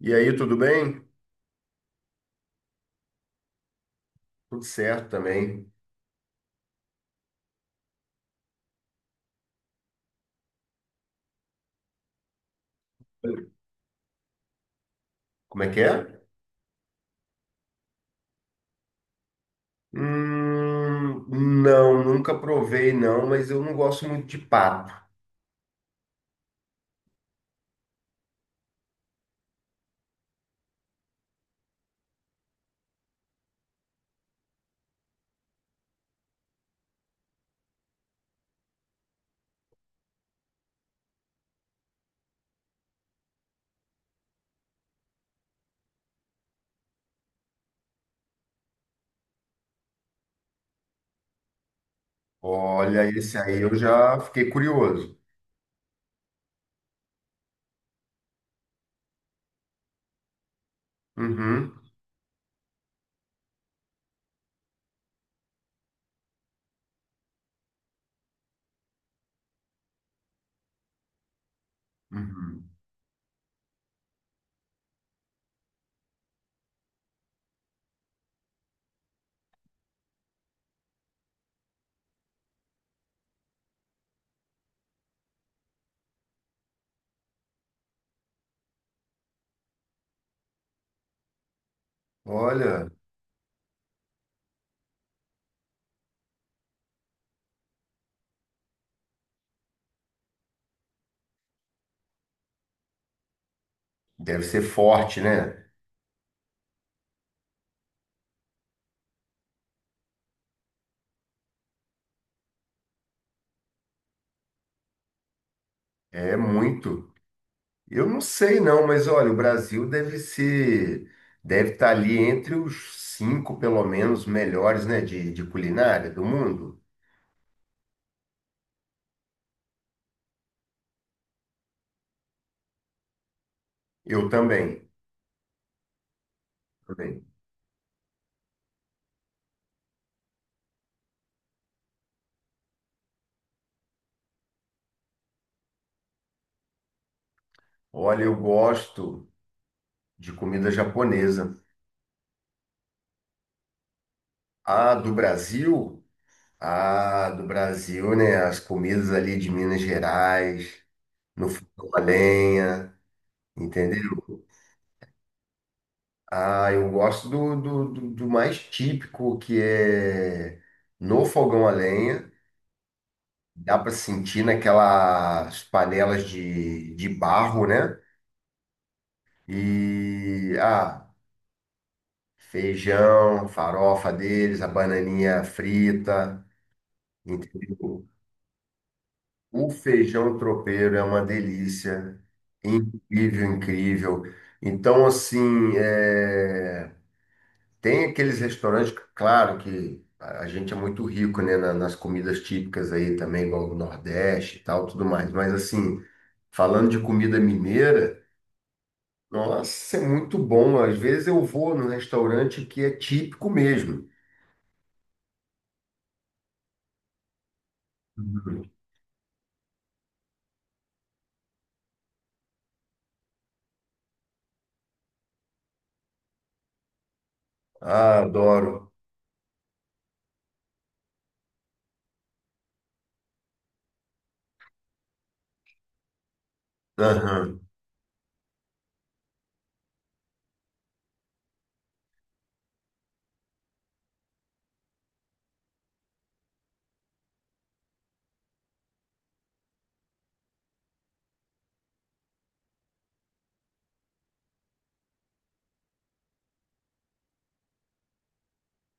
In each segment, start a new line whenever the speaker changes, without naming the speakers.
E aí, tudo bem? Tudo certo também. Como é que é? Hum, não, nunca provei não, mas eu não gosto muito de pato. Olha, esse aí eu já fiquei curioso. Uhum, uhum. Olha, deve ser forte, né? É muito. Eu não sei não, mas olha, o Brasil deve ser, deve estar ali entre os cinco, pelo menos, melhores, né, de culinária do mundo. Eu também, também. Olha, eu gosto. De comida japonesa. A do Brasil, a do Brasil, né? As comidas ali de Minas Gerais, no fogão a lenha, entendeu? Ah, eu gosto do mais típico, que é no fogão a lenha. Dá para sentir naquelas panelas de barro, né? E, ah, feijão, farofa deles, a bananinha frita, entendeu? O feijão tropeiro é uma delícia, incrível, incrível. Então, assim, é, tem aqueles restaurantes, claro que a gente é muito rico, né, nas comidas típicas aí também, igual o Nordeste e tal, tudo mais. Mas, assim, falando de comida mineira, nossa, é muito bom. Às vezes eu vou num restaurante que é típico mesmo. Uhum. Ah, adoro. Aham.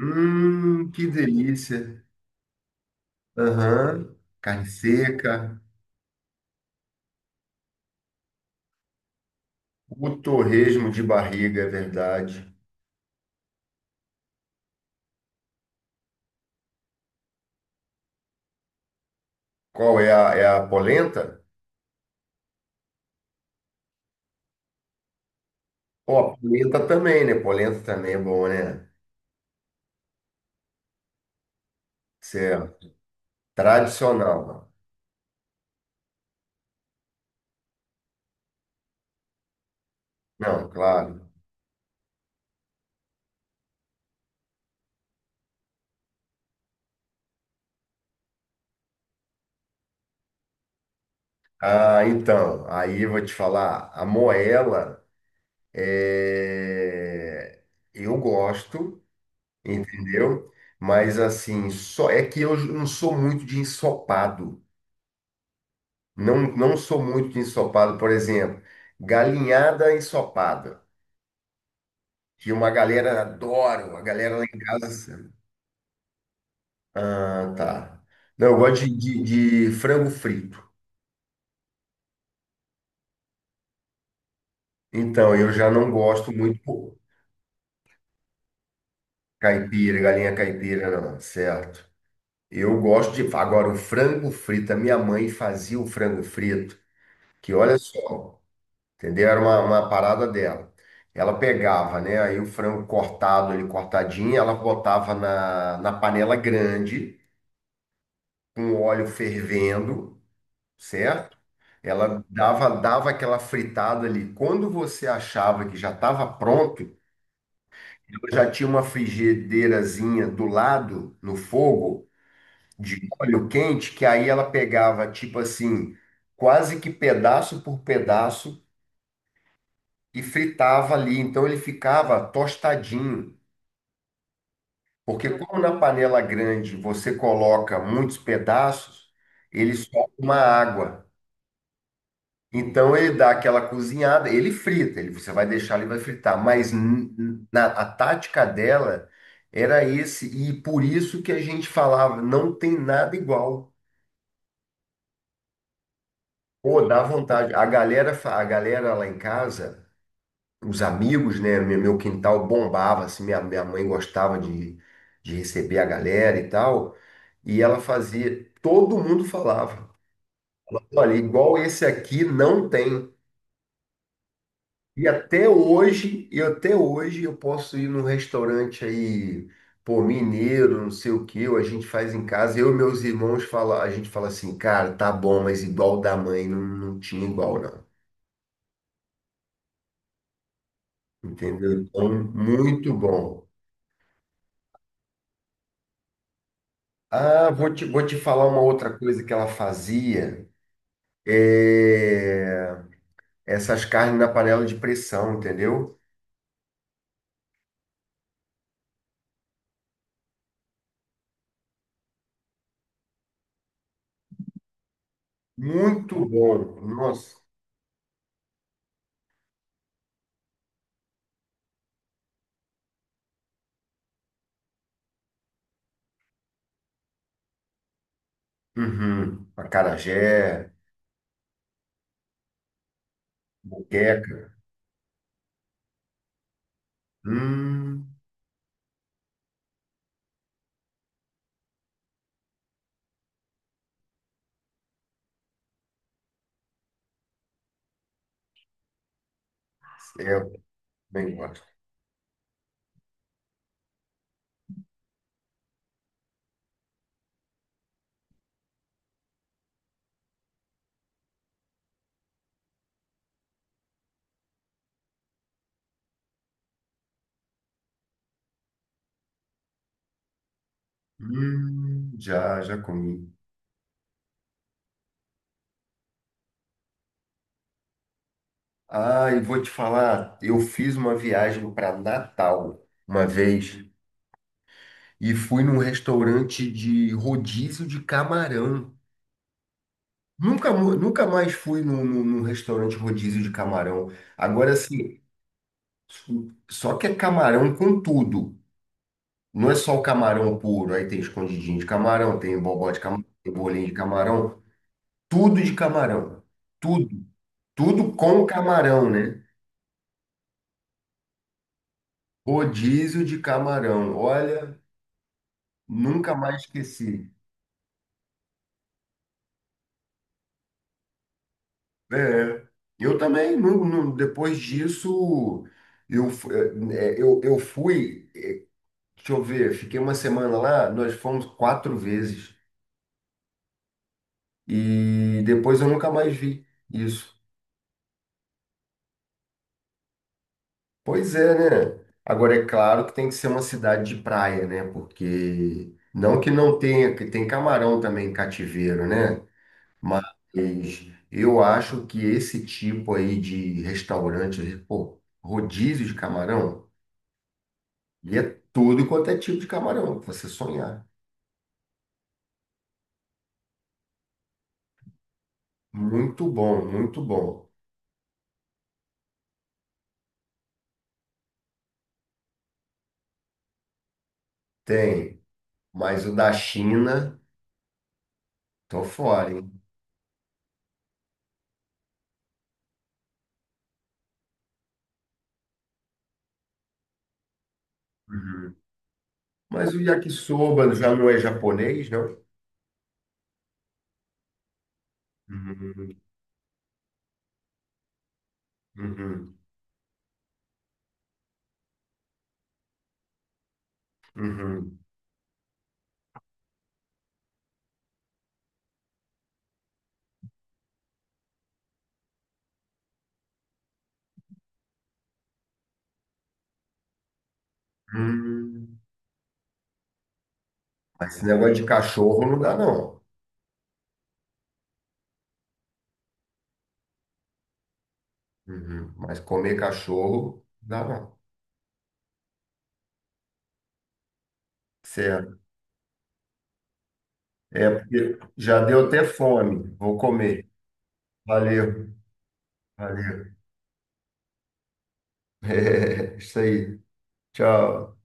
Que delícia. Aham. Carne seca. O torresmo de barriga, é verdade. Qual é a, é a polenta? Ó, a polenta também, né? Polenta também é bom, né? Certo. Tradicional. Não, claro. Ah, então, aí eu vou te falar. A moela, é... eu gosto, entendeu? Mas assim, só é que eu não sou muito de ensopado. Não, não sou muito de ensopado, por exemplo, galinhada ensopada, que uma galera adora, uma galera lá em casa. Ah, tá. Não, eu gosto de frango frito. Então, eu já não gosto muito pô, caipira, galinha caipira, não, certo? Eu gosto de. Agora, o frango frito, a minha mãe fazia o frango frito, que olha só. Entendeu? Era uma parada dela. Ela pegava, né? Aí o frango cortado, ele cortadinho, ela botava na panela grande, com o óleo fervendo, certo? Ela dava, dava aquela fritada ali. Quando você achava que já estava pronto, ela já tinha uma frigideirazinha do lado, no fogo, de óleo quente, que aí ela pegava, tipo assim, quase que pedaço por pedaço e fritava ali. Então ele ficava tostadinho, porque como na panela grande você coloca muitos pedaços, ele solta uma água. Então ele dá aquela cozinhada, ele frita, ele, você vai deixar ele vai fritar, mas a tática dela era esse, e por isso que a gente falava, não tem nada igual. Pô, dá vontade. A galera, a galera lá em casa os amigos, né? Meu quintal bombava, assim, minha mãe gostava de receber a galera e tal. E ela fazia, todo mundo falava, olha, igual esse aqui não tem. E até hoje eu posso ir num restaurante aí, pô, mineiro, não sei o que, ou a gente faz em casa, eu e meus irmãos fala, a gente fala assim, cara, tá bom, mas igual da mãe não, não tinha igual, não. Entendeu? Então, muito bom. Ah, vou te falar uma outra coisa que ela fazia. É, essas carnes na panela de pressão, entendeu? Muito bom. Nossa. Uhum. Acarajé, moqueca. Hum, é, eu também gosto. Já, já comi. Ah, e vou te falar, eu fiz uma viagem para Natal uma vez e fui num restaurante de rodízio de camarão. Nunca mais fui num, num restaurante rodízio de camarão. Agora, assim, só que é camarão com tudo. Não é só o camarão puro. Aí tem escondidinho de camarão, tem bobó de camarão, tem bolinho de camarão. Tudo de camarão. Tudo. Tudo com camarão, né? Rodízio de camarão. Olha, nunca mais esqueci. É. Eu também, depois disso, eu fui. Deixa eu ver, fiquei uma semana lá, nós fomos 4 vezes e depois eu nunca mais vi isso. Pois é, né? Agora é claro que tem que ser uma cidade de praia, né? Porque não que não tenha, que tem camarão também em cativeiro, né? Mas eu acho que esse tipo aí de restaurante, pô, rodízio de camarão, e é tudo quanto é tipo de camarão, pra você sonhar. Muito bom, muito bom. Tem, mas o da China. Tô fora, hein? Uhum. Mas o yakisoba já não é japonês, não? Uhum, uhum, uhum, uhum. Mas esse negócio de cachorro não dá, não. Uhum. Mas comer cachorro dá, não. Certo. É porque já deu até fome. Vou comer. Valeu, valeu. É, isso aí. Tchau.